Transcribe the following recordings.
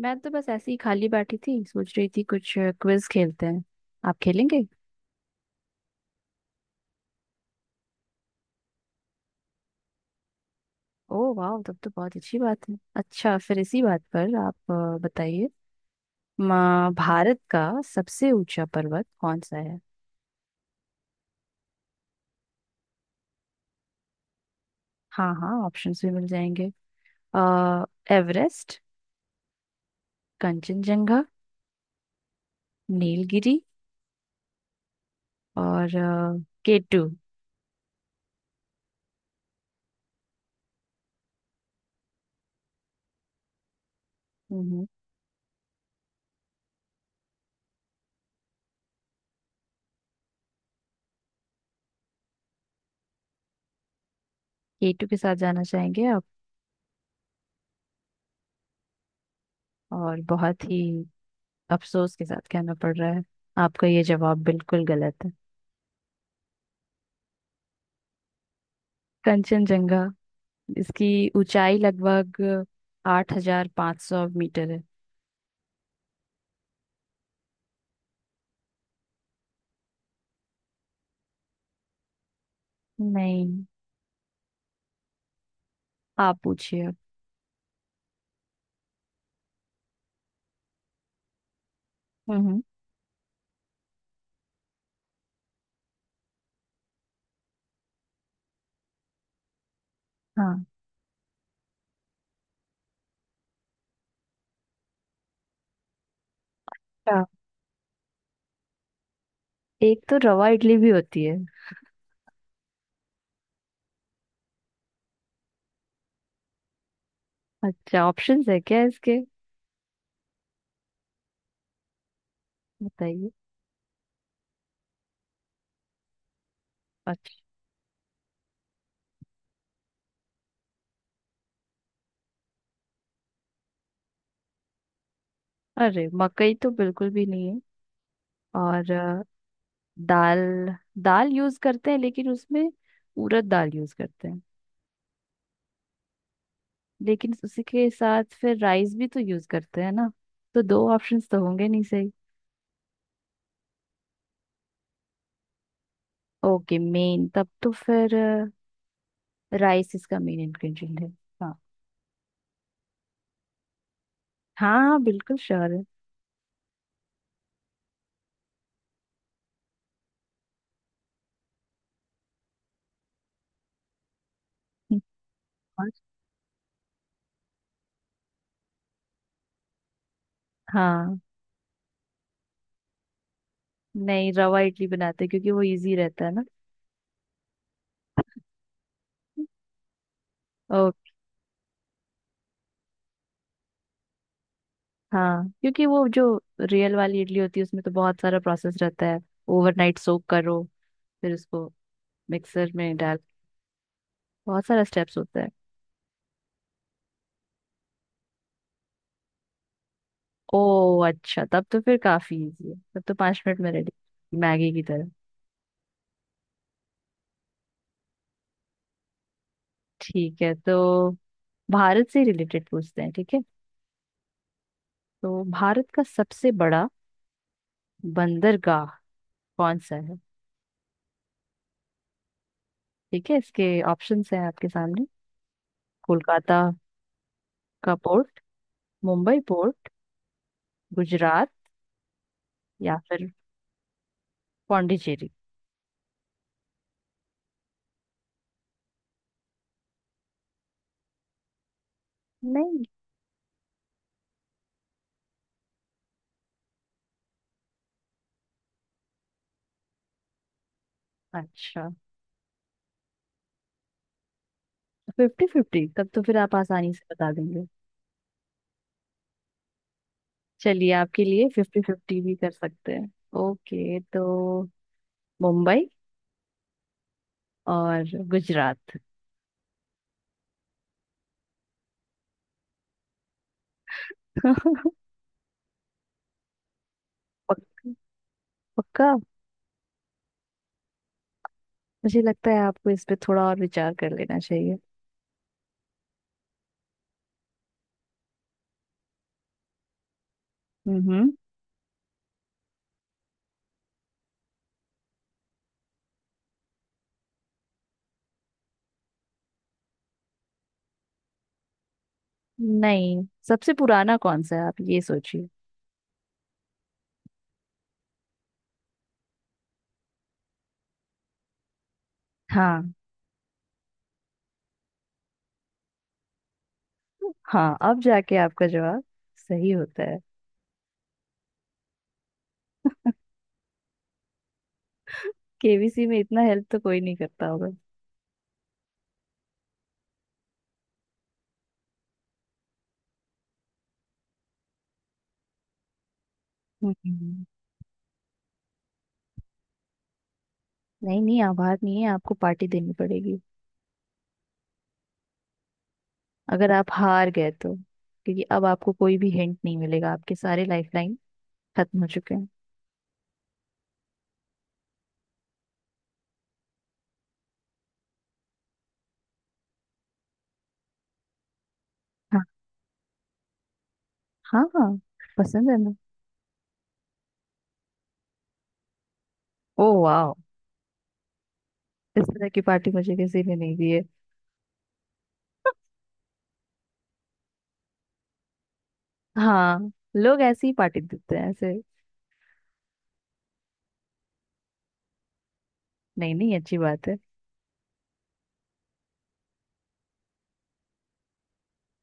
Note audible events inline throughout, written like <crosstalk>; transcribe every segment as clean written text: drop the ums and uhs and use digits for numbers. मैं तो बस ऐसे ही खाली बैठी थी, सोच रही थी कुछ क्विज खेलते हैं। आप खेलेंगे? ओह वाह, तब तो बहुत अच्छी बात है। अच्छा, फिर इसी बात पर आप बताइए। माँ, भारत का सबसे ऊंचा पर्वत कौन सा है? हाँ हाँ, ऑप्शंस भी मिल जाएंगे। अ, एवरेस्ट, कंचनजंगा, नीलगिरी और K2। हम्म। K2 के साथ जाना चाहेंगे आप? और बहुत ही अफसोस के साथ कहना पड़ रहा है, आपका ये जवाब बिल्कुल गलत है। कंचनजंगा। इसकी ऊंचाई लगभग 8,500 मीटर है। नहीं। आप पूछिए अब। हम्म। हाँ। अच्छा। एक तो रवा इडली भी होती है। अच्छा, ऑप्शंस है क्या इसके? बताइए। अच्छा। अरे, मकई तो बिल्कुल भी नहीं है। और दाल। दाल यूज करते हैं लेकिन उसमें उड़द दाल यूज करते हैं। लेकिन उसी के साथ फिर राइस भी तो यूज करते हैं ना? तो दो ऑप्शंस तो होंगे नहीं सही। ओके, मेन तब तो फिर राइस इसका मेन इंग्रेडिएंट है। हाँ। हाँ हाँ, बिल्कुल श्योर है। हम्म। और हाँ। नहीं, रवा इडली बनाते हैं क्योंकि वो इजी रहता है ना। ओ। हाँ, क्योंकि वो जो रियल वाली इडली होती है उसमें तो बहुत सारा प्रोसेस रहता है। ओवरनाइट सोक करो, फिर उसको मिक्सर में डाल। बहुत सारा स्टेप्स होता है। ओ अच्छा, तब तो फिर काफी इजी है, तब तो 5 मिनट में रेडी, मैगी की तरह। ठीक है, तो भारत से रिलेटेड पूछते हैं, ठीक है। तो भारत का सबसे बड़ा बंदरगाह कौन सा है? ठीक है, इसके ऑप्शंस हैं आपके सामने। कोलकाता का पोर्ट, मुंबई पोर्ट, गुजरात या फिर पौंडीचेरी। नहीं। अच्छा। Fifty fifty? तब तो फिर आप आसानी से बता देंगे। चलिए, आपके लिए फिफ्टी फिफ्टी भी कर सकते हैं। ओके, तो मुंबई और गुजरात। <laughs> पक्का? पक्का? मुझे लगता है आपको इस पे थोड़ा और विचार कर लेना चाहिए। हम्म। नहीं, सबसे पुराना कौन सा है, आप ये सोचिए। हाँ। हाँ, अब जाके आपका जवाब सही होता है। KBC में इतना हेल्प तो कोई नहीं करता होगा। हम्म। नहीं नहीं, आप हार नहीं है, आपको पार्टी देनी पड़ेगी अगर आप हार गए तो, क्योंकि अब आपको कोई भी हिंट नहीं मिलेगा, आपके सारे लाइफलाइन खत्म हो चुके हैं। हाँ हाँ हाँ, पसंद है ना। ओ वाह। इस तरह की पार्टी मुझे किसी ने नहीं दी है। हाँ, लोग ऐसी ही पार्टी देते हैं ऐसे। नहीं नहीं, अच्छी बात है।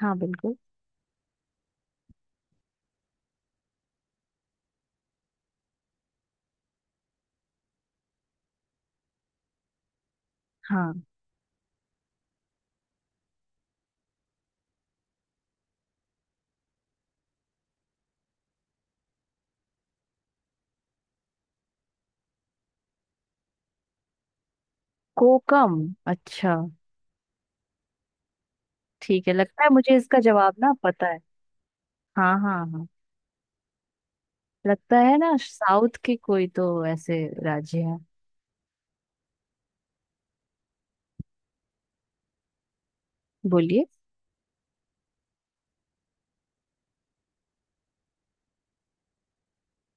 हाँ बिल्कुल। हाँ। कोकम? अच्छा। ठीक है, लगता है मुझे इसका जवाब ना पता है। हाँ हाँ हाँ, लगता है ना, साउथ के कोई तो ऐसे राज्य है। बोलिए।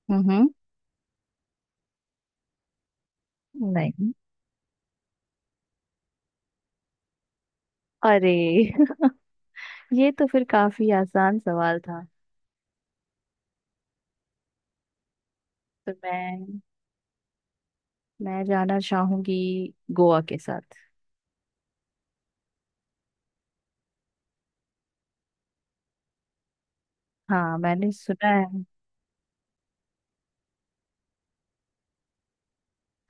हम्म। नहीं। अरे <laughs> ये तो फिर काफी आसान सवाल था। तो मैं जाना चाहूंगी गोवा के साथ। हाँ, मैंने सुना है।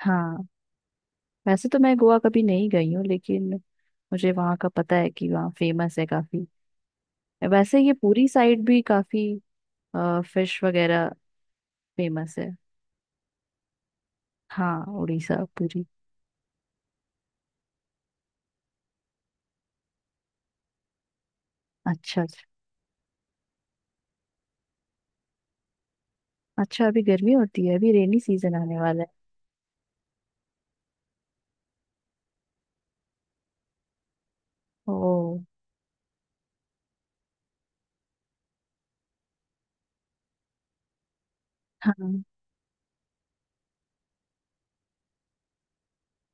हाँ, वैसे तो मैं गोवा कभी नहीं गई हूँ लेकिन मुझे वहाँ का पता है कि वहाँ फेमस है काफी। वैसे ये पूरी साइड भी काफी फिश वगैरह फेमस है। हाँ, उड़ीसा पूरी। अच्छा अच्छा। अच्छा, अभी गर्मी होती है? अभी रेनी सीजन आने वाला है। ओ। हाँ।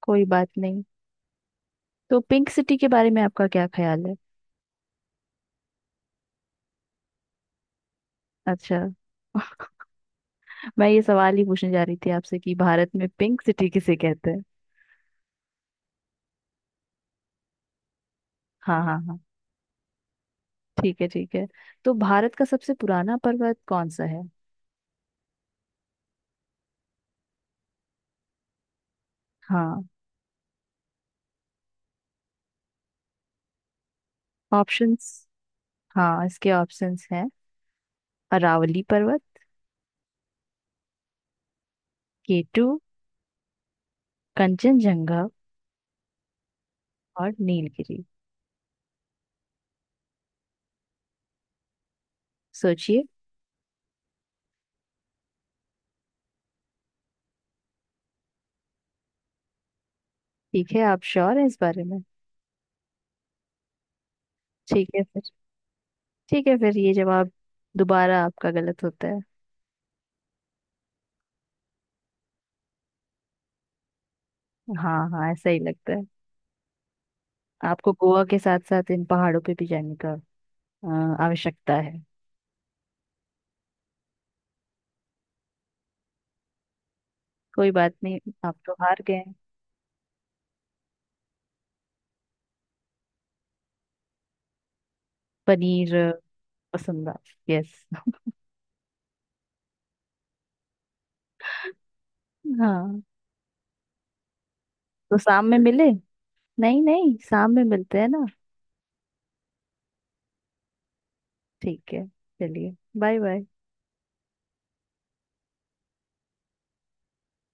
कोई बात नहीं। तो पिंक सिटी के बारे में आपका क्या ख्याल है? अच्छा। <laughs> मैं ये सवाल ही पूछने जा रही थी आपसे कि भारत में पिंक सिटी किसे कहते हैं। हाँ हाँ हाँ, ठीक है ठीक है। तो भारत का सबसे पुराना पर्वत कौन सा है? हाँ, ऑप्शंस। हाँ, इसके ऑप्शंस हैं। अरावली पर्वत, K2, कंचनजंगा और नीलगिरी। सोचिए। ठीक है, आप श्योर हैं इस बारे में? ठीक है फिर ठीक है फिर ये जवाब दोबारा आपका गलत होता है। हाँ हाँ, ऐसा ही लगता है। आपको गोवा के साथ साथ इन पहाड़ों पे भी जाने का अ, आवश्यकता है। कोई बात नहीं। आप तो हार गए हैं। पनीर पसंद? यस। हाँ, तो शाम में मिले। नहीं नहीं, शाम में मिलते हैं ना। ठीक है, चलिए बाय बाय।